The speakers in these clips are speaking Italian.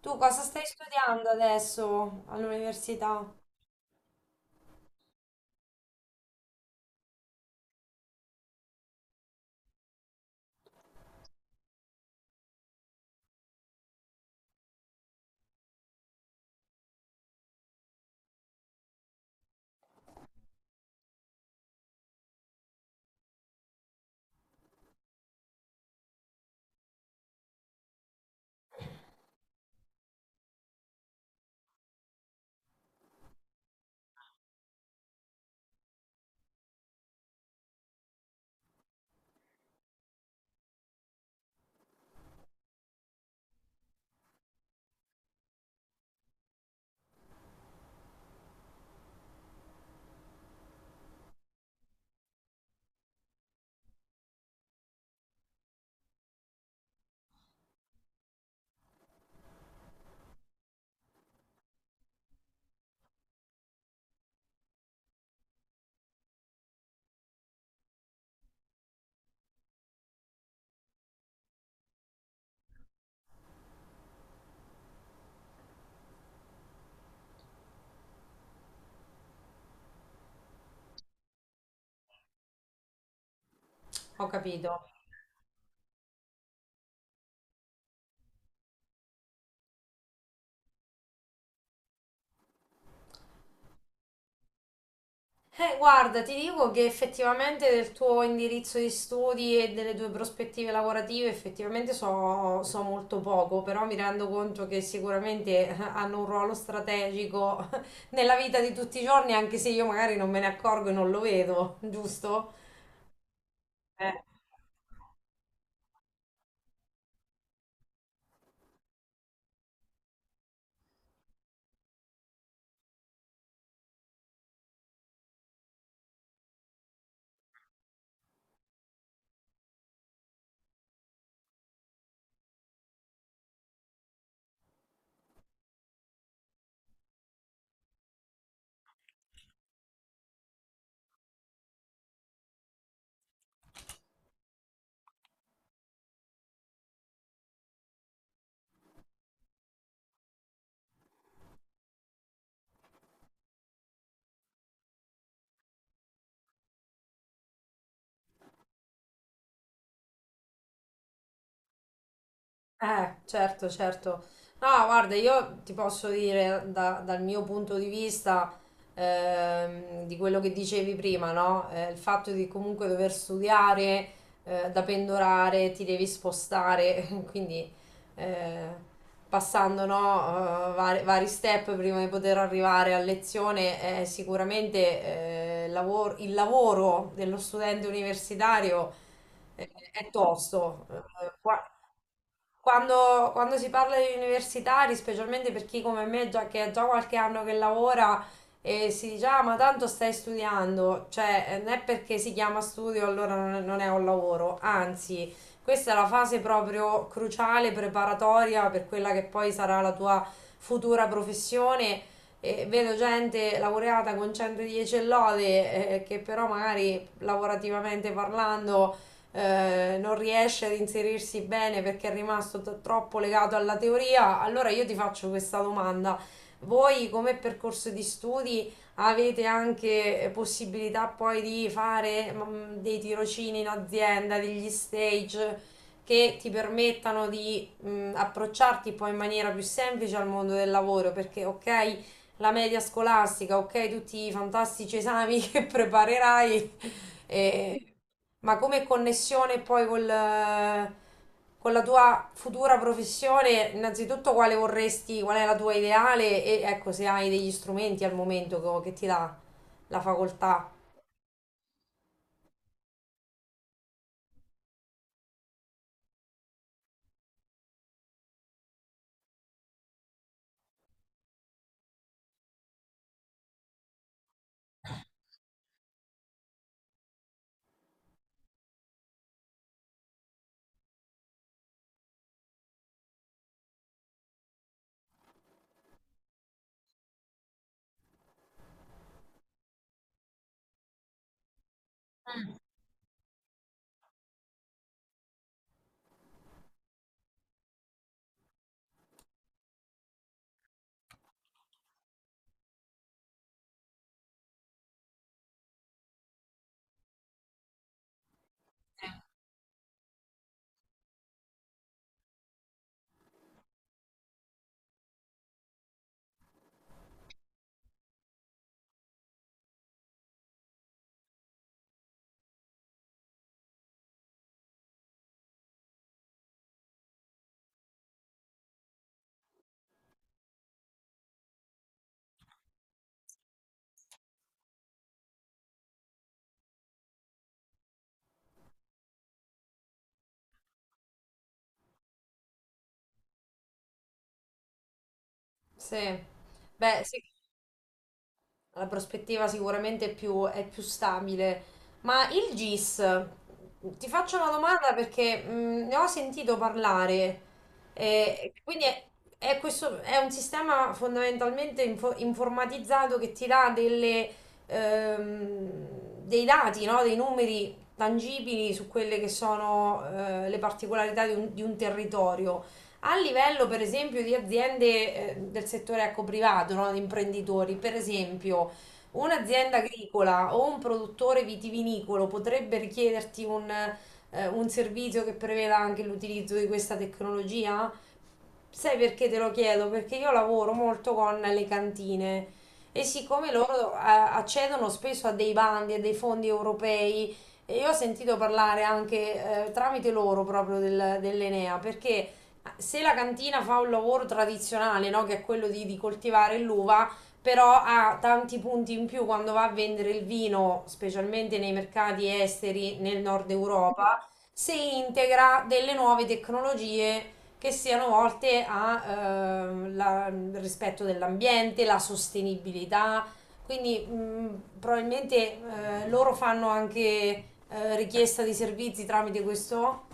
Tu cosa stai studiando adesso all'università? Ho capito. Guarda, ti dico che effettivamente del tuo indirizzo di studi e delle tue prospettive lavorative effettivamente so molto poco, però mi rendo conto che sicuramente hanno un ruolo strategico nella vita di tutti i giorni, anche se io magari non me ne accorgo e non lo vedo, giusto? Eh. Certo, certo. No, guarda, io ti posso dire dal mio punto di vista, di quello che dicevi prima, no? Il fatto di comunque dover studiare, da pendolare, ti devi spostare, quindi eh, passando, no, vari step prima di poter arrivare a lezione, sicuramente il lavoro dello studente universitario è tosto. Quando si parla di universitari, specialmente per chi come me già, che ha già qualche anno che lavora e si dice, ah, ma tanto stai studiando, cioè non è perché si chiama studio allora non è un lavoro, anzi, questa è la fase proprio cruciale, preparatoria per quella che poi sarà la tua futura professione. E vedo gente laureata con 110 e lode, che però magari lavorativamente parlando non riesce ad inserirsi bene perché è rimasto troppo legato alla teoria, allora io ti faccio questa domanda. Voi come percorso di studi avete anche possibilità poi di fare dei tirocini in azienda, degli stage che ti permettano di approcciarti poi in maniera più semplice al mondo del lavoro, perché ok, la media scolastica, ok, tutti i fantastici esami che preparerai, e- ma come connessione poi col con la tua futura professione, innanzitutto quale vorresti, qual è la tua ideale e ecco se hai degli strumenti al momento che ti dà la facoltà. Sì. Beh, sì. La prospettiva sicuramente è più stabile. Ma il GIS, ti faccio una domanda perché ne ho sentito parlare. E quindi è, è questo, è un sistema fondamentalmente informatizzato che ti dà delle, ehm, dei dati, no? Dei numeri tangibili su quelle che sono le particolarità di di un territorio. A livello, per esempio, di aziende del settore ecco, privato, no? Di imprenditori, per esempio, un'azienda agricola o un produttore vitivinicolo potrebbe richiederti un servizio che preveda anche l'utilizzo di questa tecnologia? Sai perché te lo chiedo? Perché io lavoro molto con le cantine e siccome loro accedono spesso a dei bandi e dei fondi europei, e io ho sentito parlare anche tramite loro proprio dell'Enea, perché se la cantina fa un lavoro tradizionale, no, che è quello di coltivare l'uva, però ha tanti punti in più quando va a vendere il vino, specialmente nei mercati esteri nel nord Europa, se integra delle nuove tecnologie che siano volte al rispetto dell'ambiente, la sostenibilità. Quindi probabilmente loro fanno anche richiesta di servizi tramite questo?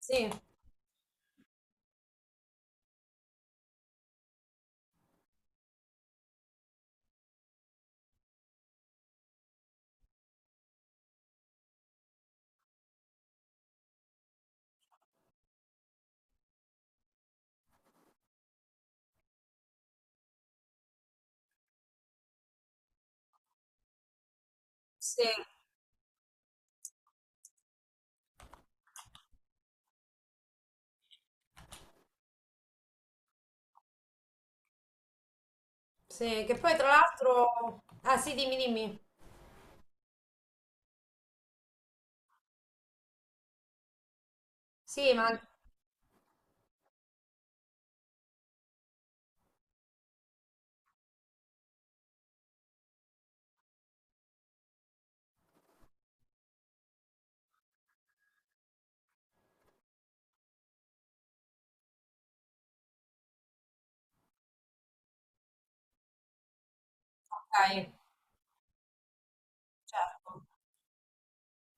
Sì, sì, sì. Che poi tra l'altro... Ah sì, dimmi, dimmi. Sì, ma... Ok, certo.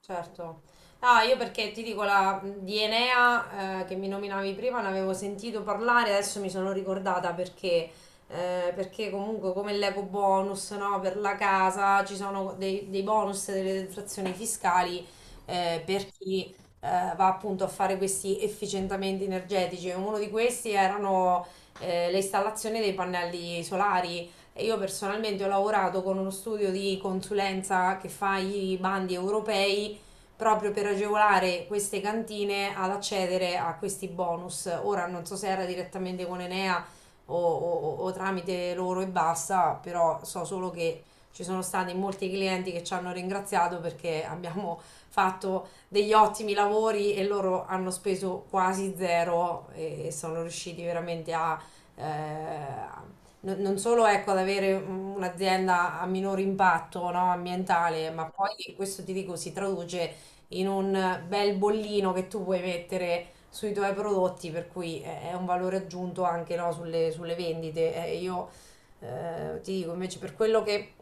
Certo. Ah, io perché ti dico la di Enea che mi nominavi prima, ne avevo sentito parlare, adesso mi sono ricordata perché, perché comunque come l'eco bonus, no, per la casa ci sono dei bonus, delle detrazioni fiscali per chi eh, va appunto a fare questi efficientamenti energetici. Uno di questi erano le installazioni dei pannelli solari. E io personalmente ho lavorato con uno studio di consulenza che fa i bandi europei proprio per agevolare queste cantine ad accedere a questi bonus. Ora non so se era direttamente con Enea o tramite loro e basta, però so solo che ci sono stati molti clienti che ci hanno ringraziato perché abbiamo fatto degli ottimi lavori e loro hanno speso quasi zero e sono riusciti veramente a... eh, non solo ecco, ad avere un'azienda a minor impatto no, ambientale, ma poi questo ti dico si traduce in un bel bollino che tu puoi mettere sui tuoi prodotti, per cui è un valore aggiunto anche no, sulle vendite. Io ti dico invece per quello che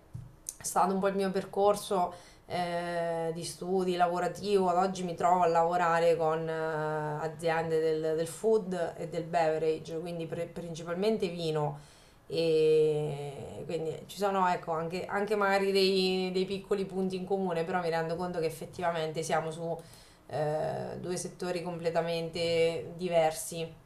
è stato un po' il mio percorso di studi lavorativo, ad oggi mi trovo a lavorare con aziende del food e del beverage, quindi principalmente vino e quindi ci sono ecco, anche magari dei piccoli punti in comune, però mi rendo conto che effettivamente siamo su due settori completamente diversi